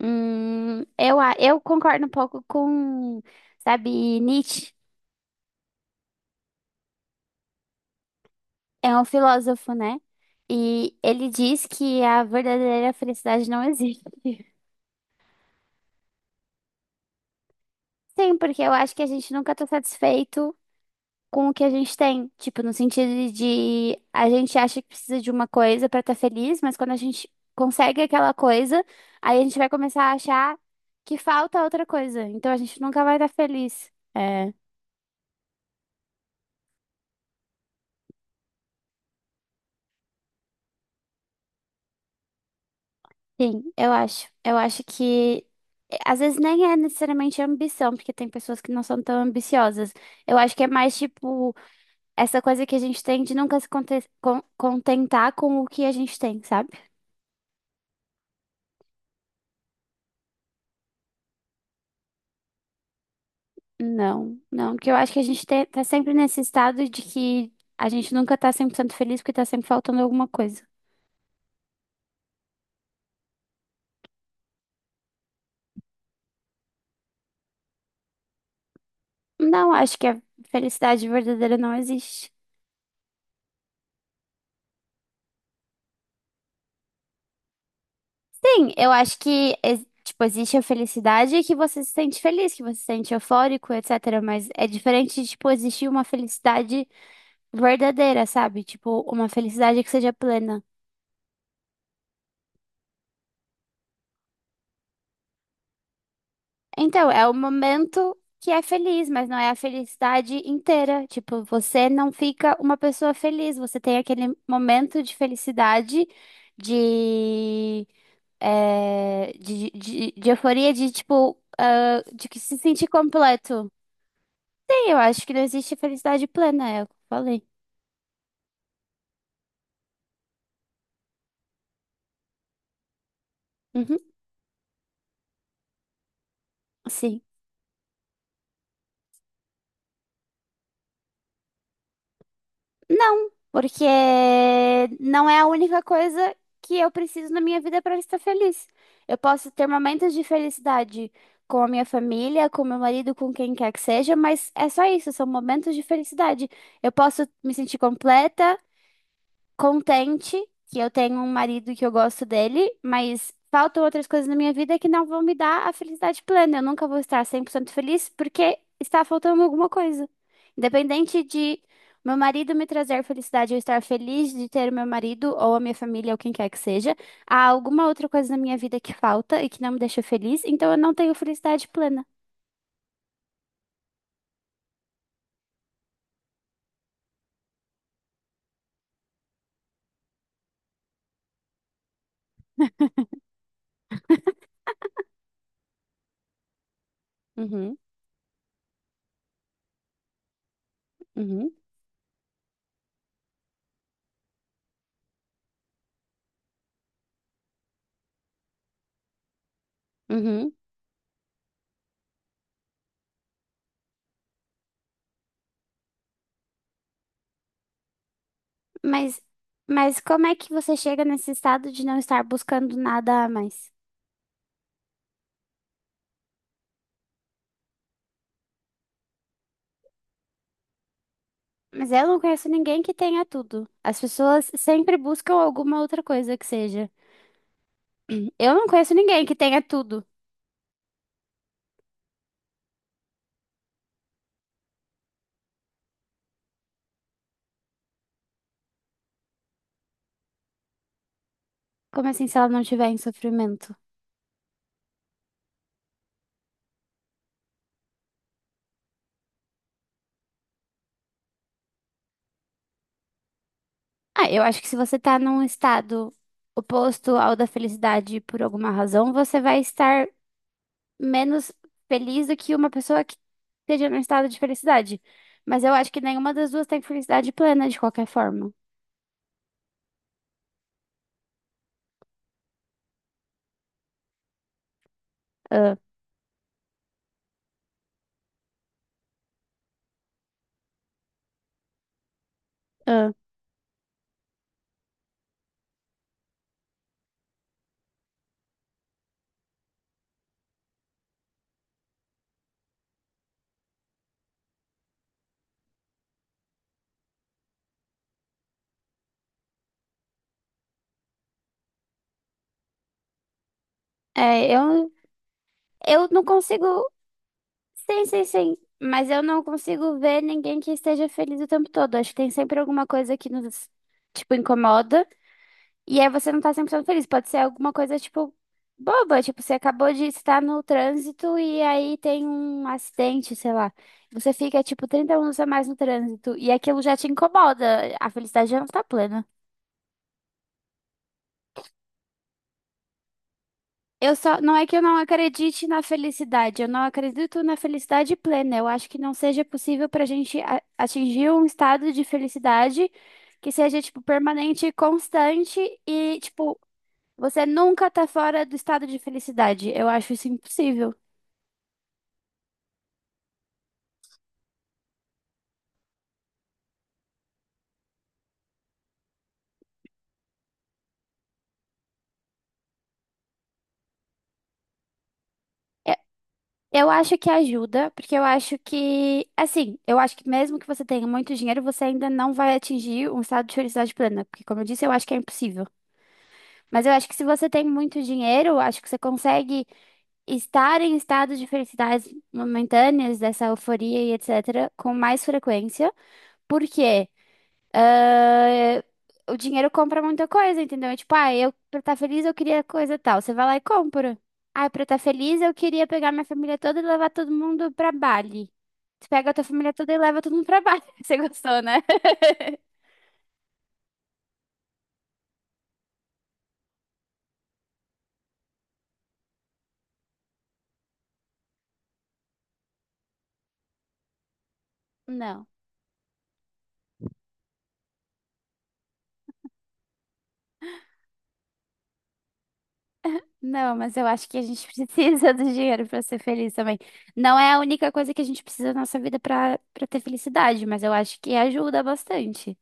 Eu concordo um pouco com, sabe, Nietzsche é um filósofo, né? E ele diz que a verdadeira felicidade não existe. Sim, porque eu acho que a gente nunca tá satisfeito com o que a gente tem. Tipo, no sentido de a gente acha que precisa de uma coisa pra estar feliz, mas quando a gente consegue aquela coisa, aí a gente vai começar a achar que falta outra coisa. Então a gente nunca vai estar feliz. É. Sim, eu acho. Eu acho que às vezes nem é necessariamente ambição, porque tem pessoas que não são tão ambiciosas. Eu acho que é mais tipo essa coisa que a gente tem de nunca se contentar com o que a gente tem, sabe? Não, não, porque eu acho que a gente tá sempre nesse estado de que a gente nunca tá 100% feliz porque tá sempre faltando alguma coisa. Não, acho que a felicidade verdadeira não existe. Sim, eu acho que, tipo, existe a felicidade que você se sente feliz, que você se sente eufórico, etc. Mas é diferente de, tipo, existir uma felicidade verdadeira, sabe? Tipo, uma felicidade que seja plena. Então, é o momento que é feliz, mas não é a felicidade inteira. Tipo, você não fica uma pessoa feliz, você tem aquele momento de felicidade, de de euforia, de tipo, ah, de que se sentir completo. Eu acho que não existe felicidade plena, é o que eu falei. Uhum, sim. Não, porque não é a única coisa que eu preciso na minha vida para estar feliz. Eu posso ter momentos de felicidade com a minha família, com meu marido, com quem quer que seja, mas é só isso, são momentos de felicidade. Eu posso me sentir completa, contente que eu tenho um marido que eu gosto dele, mas faltam outras coisas na minha vida que não vão me dar a felicidade plena. Eu nunca vou estar 100% feliz porque está faltando alguma coisa. Independente de meu marido me trazer felicidade, eu estar feliz de ter o meu marido ou a minha família ou quem quer que seja, há alguma outra coisa na minha vida que falta e que não me deixa feliz, então eu não tenho felicidade plena. Uhum, uhum, uhum. Mas, mas como é que você chega nesse estado de não estar buscando nada a mais? Mas eu não conheço ninguém que tenha tudo. As pessoas sempre buscam alguma outra coisa que seja. Eu não conheço ninguém que tenha tudo. Como assim, se ela não tiver em sofrimento? Ah, eu acho que se você tá num estado oposto ao da felicidade por alguma razão, você vai estar menos feliz do que uma pessoa que esteja num estado de felicidade. Mas eu acho que nenhuma das duas tem felicidade plena de qualquer forma. Ah, ah. É, eu não consigo. Sim, sim, sim. Mas eu não consigo ver ninguém que esteja feliz o tempo todo. Acho que tem sempre alguma coisa que nos, tipo, incomoda. E aí você não tá 100% feliz. Pode ser alguma coisa, tipo, boba. Tipo, você acabou de estar no trânsito e aí tem um acidente, sei lá. Você fica, tipo, 30 minutos a mais no trânsito. E aquilo já te incomoda. A felicidade já não tá plena. Eu só, não é que eu não acredite na felicidade, eu não acredito na felicidade plena. Eu acho que não seja possível para a gente atingir um estado de felicidade que seja, tipo, permanente, constante e, tipo, você nunca tá fora do estado de felicidade. Eu acho isso impossível. Eu, eu acho que ajuda, porque eu acho que, assim, eu acho que mesmo que você tenha muito dinheiro, você ainda não vai atingir um estado de felicidade plena, porque, como eu disse, eu acho que é impossível. Mas eu acho que se você tem muito dinheiro, eu acho que você consegue estar em estados de felicidades momentâneas, dessa euforia e etc., com mais frequência, porque ah, o dinheiro compra muita coisa, entendeu? Tipo, ah, eu pra estar feliz eu queria coisa tal. Você vai lá e compra. Ah, pra estar feliz eu queria pegar minha família toda e levar todo mundo pra Bali. Tu pega a tua família toda e leva todo mundo pra Bali. Você gostou, né? Não. Não, mas eu acho que a gente precisa do dinheiro para ser feliz também. Não é a única coisa que a gente precisa na nossa vida para ter felicidade, mas eu acho que ajuda bastante.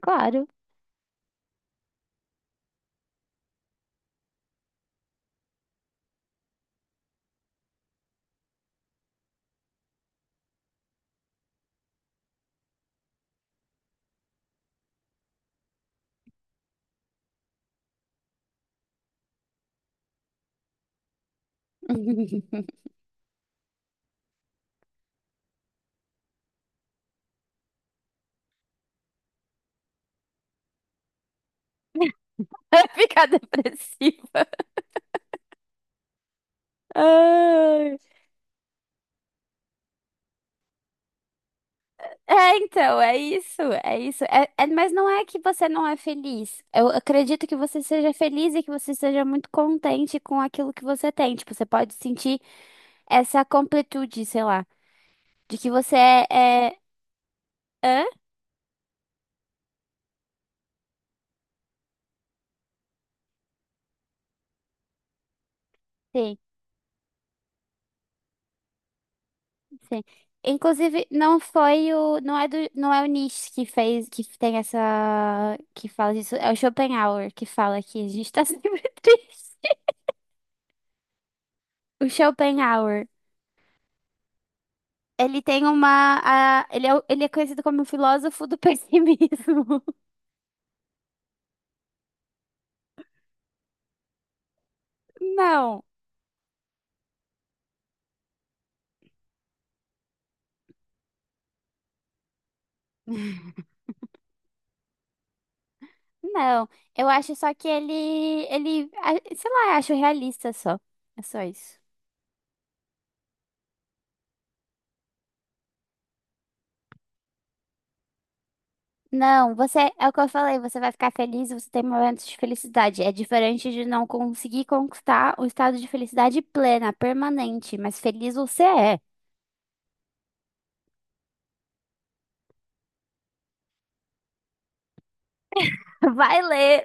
Claro. Ficar depressiva. Ai. É, então, é isso, é isso. Mas não é que você não é feliz. Eu acredito que você seja feliz e que você seja muito contente com aquilo que você tem. Tipo, você pode sentir essa completude, sei lá, de que você é... é... Hã? Sim. Sim. Inclusive, não foi o. Não é, não é o Nietzsche que fez, que tem essa. Que fala disso. É o Schopenhauer que fala que a gente tá sempre triste. O Schopenhauer. Ele tem uma. A- ele, é, o- ele é conhecido como o filósofo do pessimismo. Não, não. Eu acho só que ele. Sei lá, eu acho realista só. É só isso. Não, você, é o que eu falei, você vai ficar feliz, você tem momentos de felicidade. É diferente de não conseguir conquistar o estado de felicidade plena, permanente, mas feliz você é. Vai ler,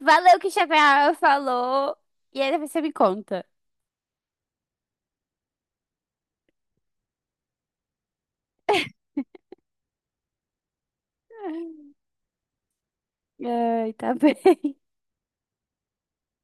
vai ler o que Schopenhauer falou e aí depois você me conta. Ai, tá bem.